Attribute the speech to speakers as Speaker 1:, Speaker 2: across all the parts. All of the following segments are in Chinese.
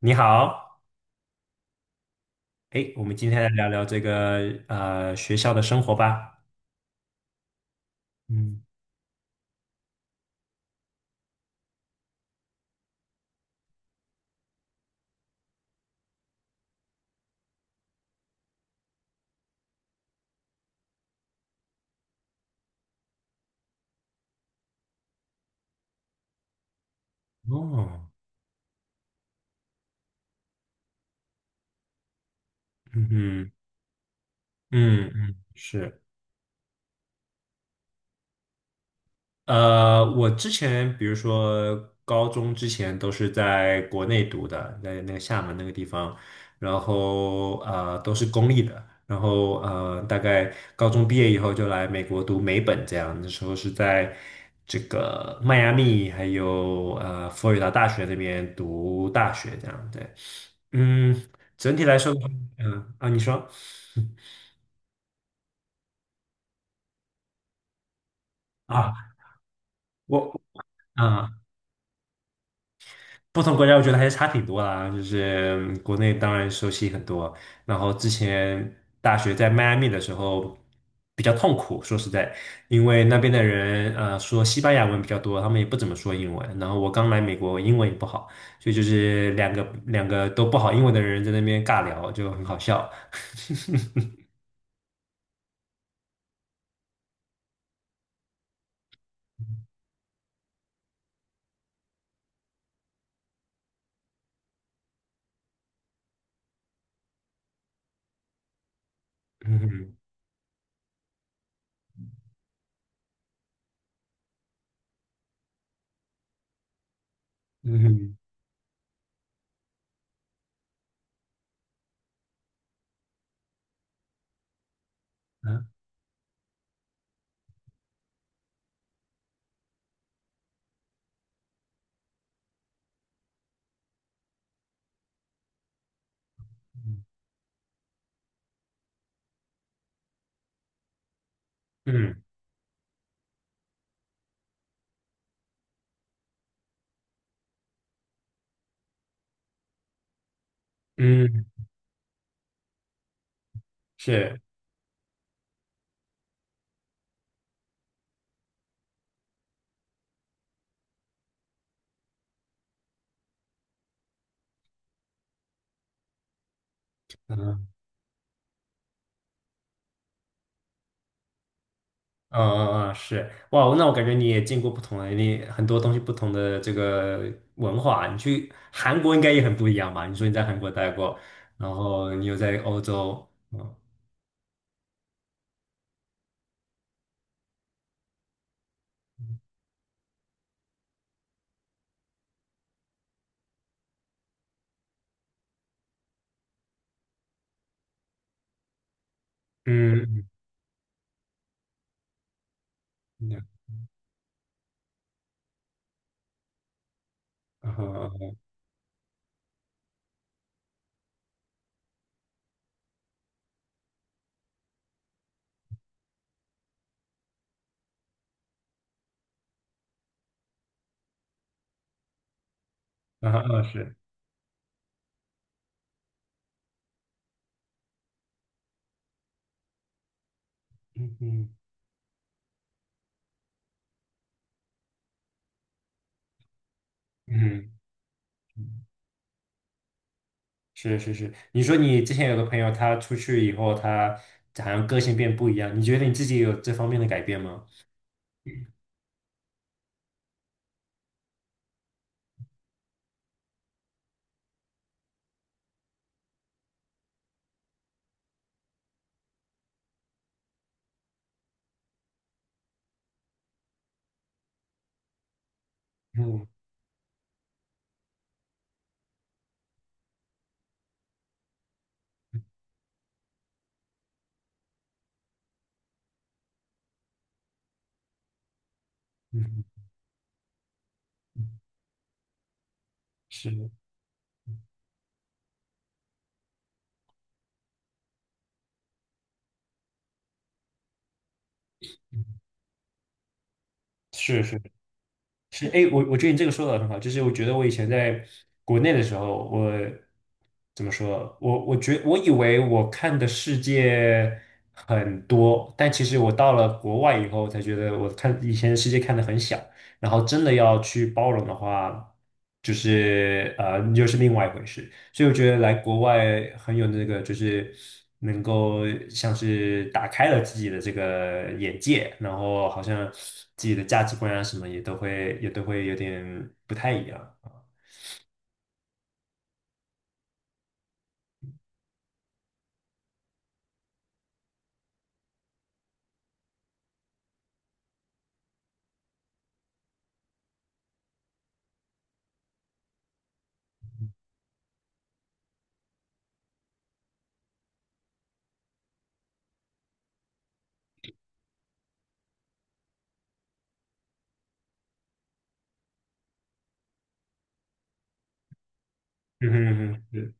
Speaker 1: 你好。哎，我们今天来聊聊这个学校的生活吧。嗯。哦。嗯嗯嗯嗯，是。我之前比如说高中之前都是在国内读的，在那个厦门那个地方，然后都是公立的，然后大概高中毕业以后就来美国读美本这样。那时候是在这个迈阿密还有佛罗里达大学那边读大学这样。对。嗯。整体来说的话，嗯啊你说 啊我啊。不同国家我觉得还是差挺多啦，就是国内当然熟悉很多。然后之前大学在迈阿密的时候比较痛苦，说实在，因为那边的人说西班牙文比较多，他们也不怎么说英文，然后我刚来美国，我英文也不好，所以就是两个都不好英文的人在那边尬聊，就很好笑。嗯嗯嗯嗯嗯，是。嗯嗯嗯，是，哇，那我感觉你也见过不同的，你很多东西不同的这个文化啊。你去韩国应该也很不一样吧？你说你在韩国待过，然后你又在欧洲。嗯嗯嗯嗯嗯嗯，是。嗯嗯嗯。嗯，是是是。你说你之前有个朋友，他出去以后，他好像个性变不一样，你觉得你自己有这方面的改变吗？嗯嗯。嗯嗯，是是是。是。哎，我觉得你这个说的很好。就是我觉得我以前在国内的时候，我怎么说？我以为我看的世界很多，但其实我到了国外以后，才觉得我看以前的世界看的很小。然后真的要去包容的话，就是又是另外一回事。所以我觉得来国外很有那个，就是能够像是打开了自己的这个眼界，然后好像自己的价值观啊什么也都会有点不太一样啊。嗯哼嗯哼，是。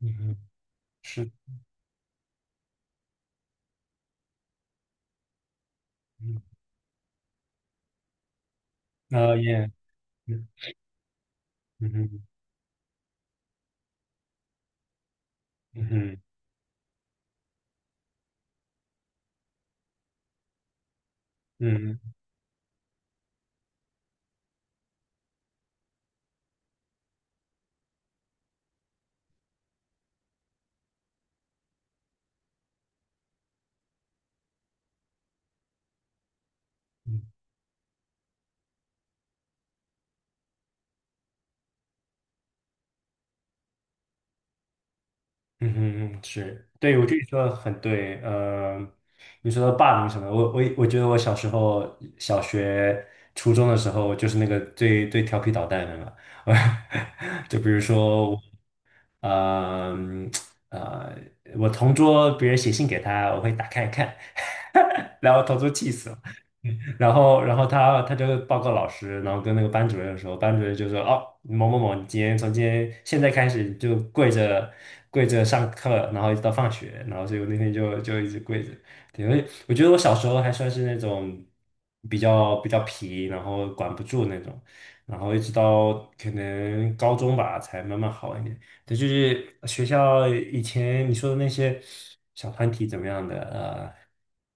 Speaker 1: 嗯哼，是。嗯。啊耶。嗯。嗯哼嗯哼嗯哼。嗯哼，嗯，是，对，我觉得你说的很对。你说的霸凌什么的我觉得我小时候小学、初中的时候就是那个最最调皮捣蛋的嘛。就比如说我，呃呃我同桌别人写信给他，我会打开看。然后同桌气死了。然后，他就报告老师。然后跟那个班主任的时候，班主任就说：“哦，某某某，你今天从今天现在开始就跪着跪着上课，然后一直到放学。”然后所以我那天就一直跪着。对。我觉得我小时候还算是那种比较皮，然后管不住那种，然后一直到可能高中吧，才慢慢好一点。对，就是学校以前你说的那些小团体怎么样的，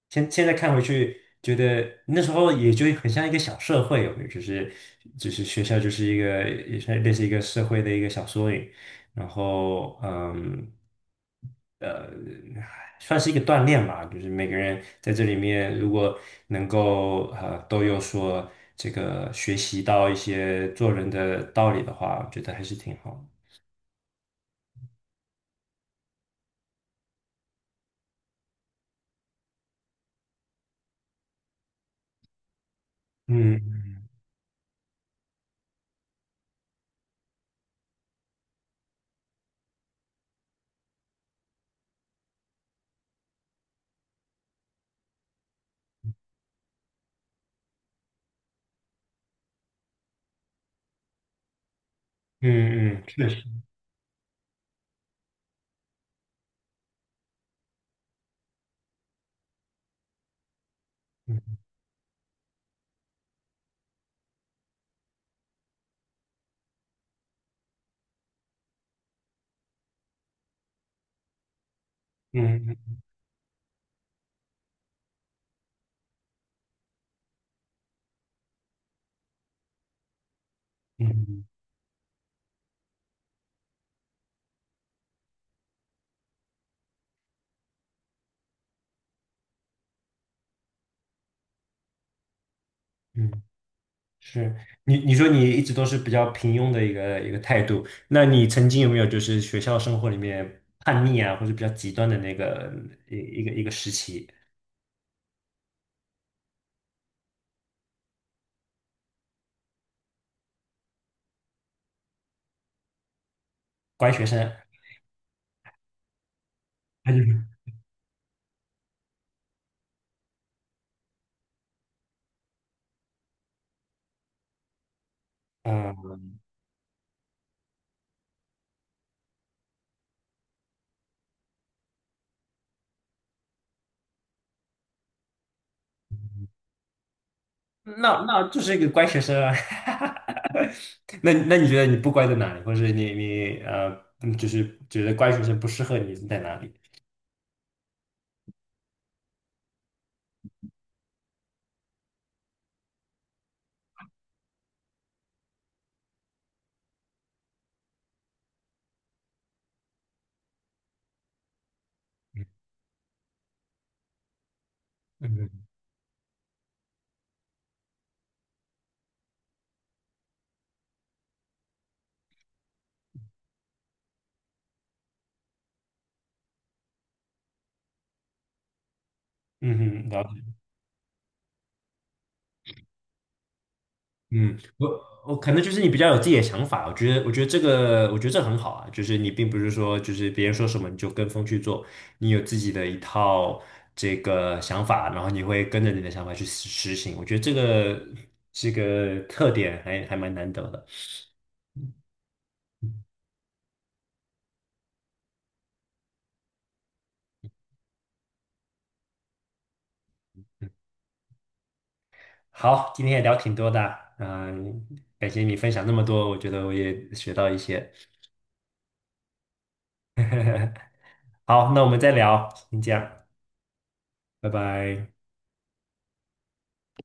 Speaker 1: 现在看回去，觉得那时候也就很像一个小社会。有没有就是学校就是一个也是类似一个社会的一个小缩影。然后呃，算是一个锻炼吧。就是每个人在这里面如果能够都有所这个学习到一些做人的道理的话，我觉得还是挺好的。嗯。嗯嗯，确实。嗯嗯嗯嗯。嗯。是。你说你一直都是比较平庸的一个态度。那你曾经有没有就是学校生活里面叛逆啊，或者比较极端的那个一一个时期？乖学生？还是嗯，那就是一个乖学生啊？那你觉得你不乖在哪里，或者是你嗯就是觉得乖学生不适合你是在哪里？嗯嗯嗯，哼，了解。嗯，我可能就是你比较有自己的想法。我觉得这很好啊。就是你并不是说就是别人说什么你就跟风去做，你有自己的一套这个想法，然后你会跟着你的想法去实行，我觉得这个特点还蛮难得的。好，今天也聊挺多的。嗯，感谢你分享那么多，我觉得我也学到一些。好，那我们再聊，先这样。拜拜。